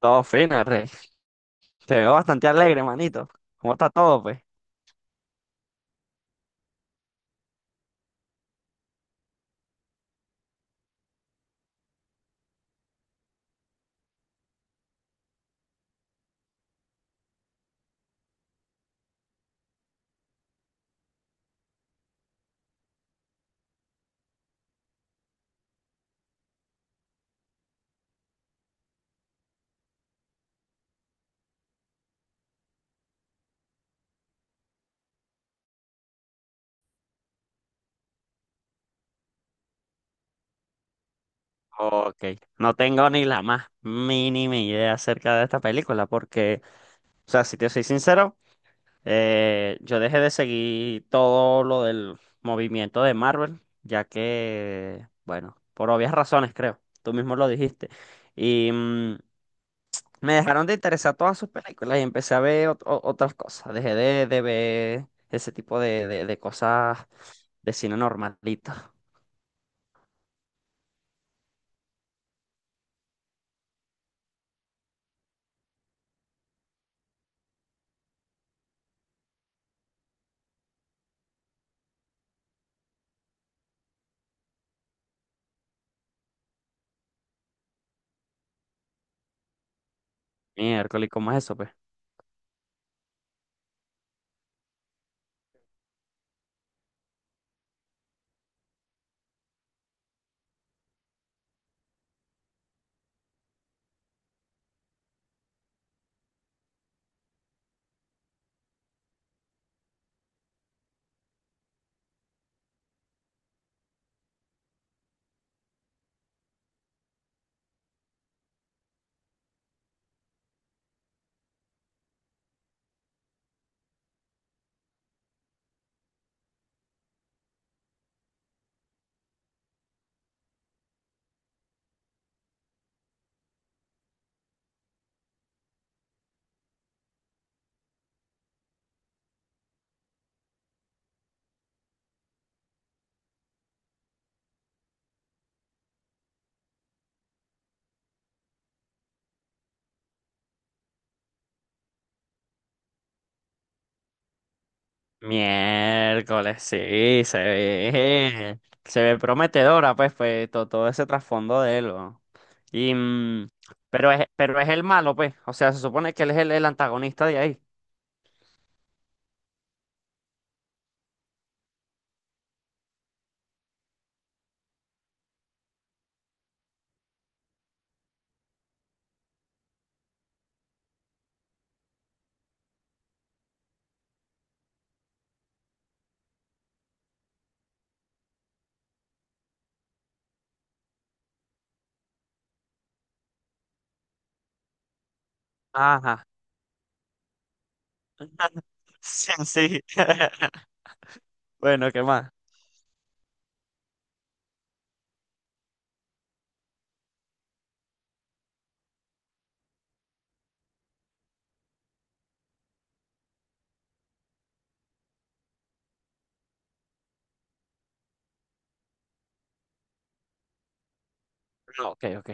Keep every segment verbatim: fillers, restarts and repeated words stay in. Todo fino, rey. Te veo bastante alegre, manito. ¿Cómo está todo, pues? Ok, no tengo ni la más mínima idea acerca de esta película, porque, o sea, si te soy sincero, eh, yo dejé de seguir todo lo del movimiento de Marvel, ya que, bueno, por obvias razones, creo, tú mismo lo dijiste, y mm, me dejaron de interesar todas sus películas y empecé a ver ot- o- otras cosas, dejé de, de ver ese tipo de, de, de cosas de cine normalito. Miércoles, ¿cómo es eso, pues? Miércoles, sí, se ve, se ve prometedora, pues, pues, to- todo, ese trasfondo de él, ¿no? Y, mm, pero es, pero es el malo, pues, o sea, se supone que él es el, el antagonista de ahí. Ajá. Sí, sí. Bueno, ¿qué más? No, ok, ok.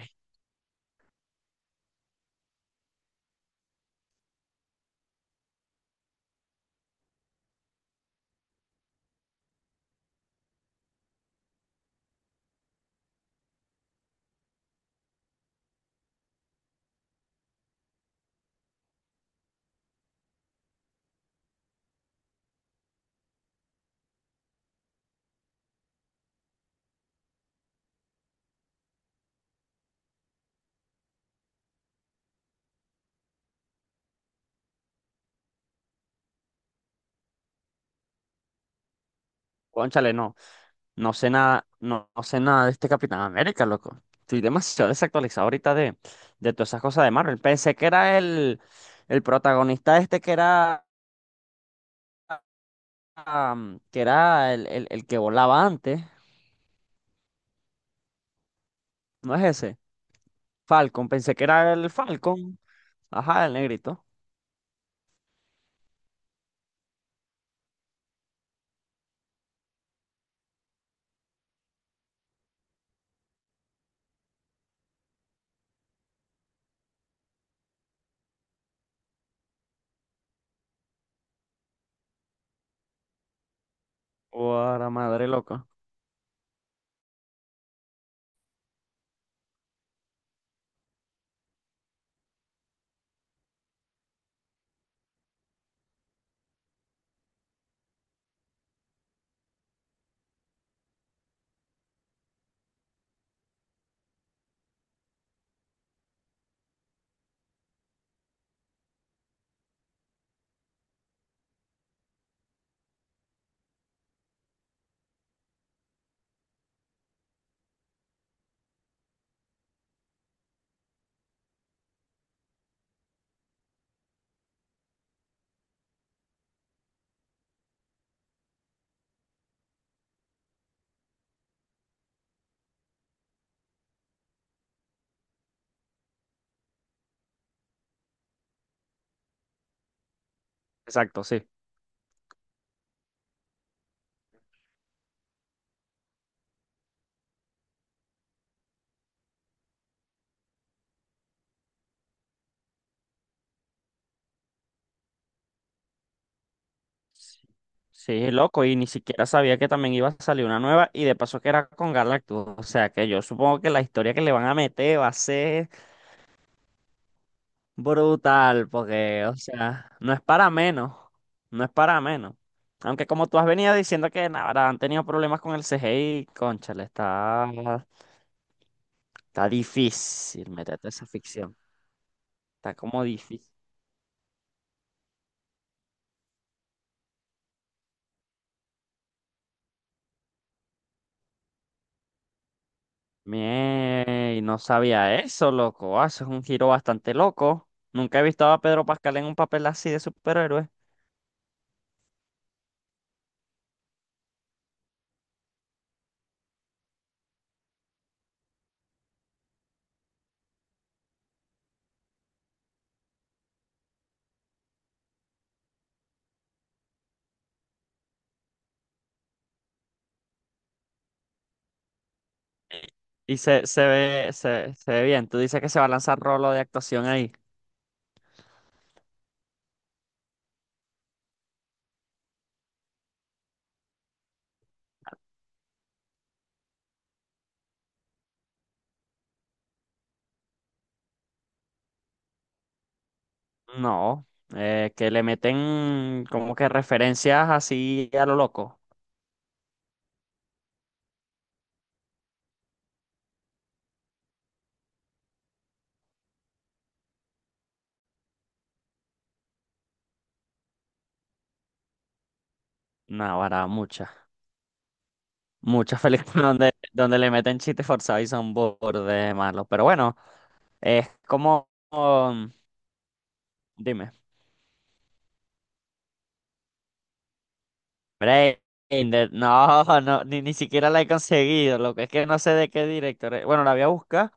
Cónchale, no. No sé nada, no, no sé nada de este Capitán América, loco. Estoy demasiado desactualizado ahorita de, de todas esas cosas de Marvel. Pensé que era el, el protagonista este que era, am, que era el, el- el que volaba antes. ¿No es ese? Falcon. Pensé que era el Falcon. Ajá, el negrito. Guara madre, loco. Exacto, sí. Sí, sí, loco. Y ni siquiera sabía que también iba a salir una nueva. Y de paso que era con Galactus. O sea que yo supongo que la historia que le van a meter va a ser brutal, porque, o sea, no es para menos, no es para menos. Aunque como tú has venido diciendo que ahora han tenido problemas con el C G I, cónchale, está, está difícil meterte esa ficción. Está como difícil. Mie, no sabía eso, loco. Ah, eso es un giro bastante loco. Nunca he visto a Pedro Pascal en un papel así de superhéroe. Y se, se ve, se, se ve bien. Tú dices que se va a lanzar rolo de actuación ahí. No, eh, que le meten como que referencias así a lo loco. No, ahora muchas, muchas películas donde, donde le meten chistes forzados y son burde malos. Pero bueno, es como, um, dime, Braindead, no, no, ni, ni siquiera la he conseguido. Lo que es que no sé de qué director es. Bueno, la voy a buscar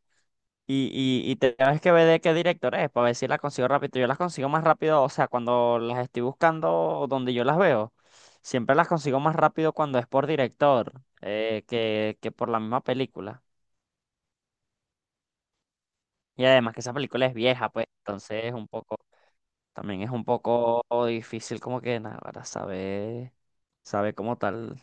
y, y, y te tienes que ver de qué director es para ver si las consigo rápido. Yo las consigo más rápido, o sea, cuando las estoy buscando o donde yo las veo, siempre las consigo más rápido cuando es por director eh, que, que por la misma película. Y además que esa película es vieja, pues, entonces es un poco, también es un poco difícil como que nada, para saber, saber cómo tal.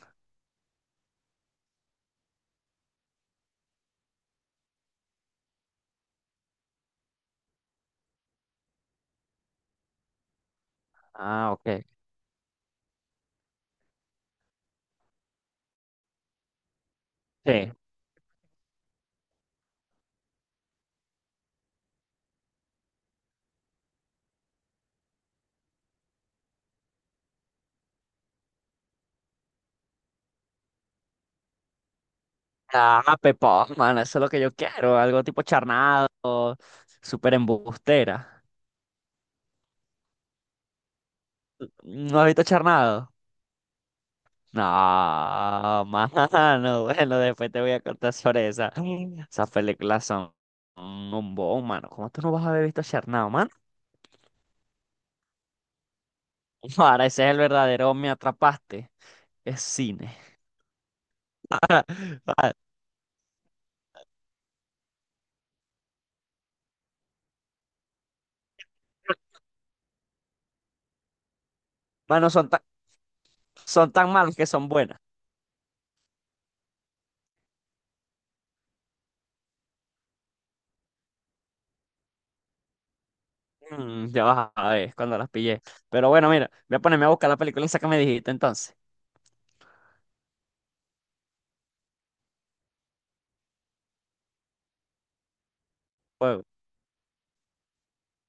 Ah, ok. Sí. Ah, Pepón, mano, eso es lo que yo quiero, algo tipo charnado, súper embustera. ¿No has visto charnado? No, mano, bueno, después te voy a contar sobre esa. Esas películas son un bombón, mano. ¿Cómo tú no vas a haber visto Charnado, mano? Ahora ese es el verdadero Me Atrapaste. Es cine. Ah, mano, son tan, son tan malas que son buenas. Mm, ya vas a ver cuando las pillé. Pero bueno, mira, voy a ponerme a buscar la película esa que me dijiste entonces. Pues,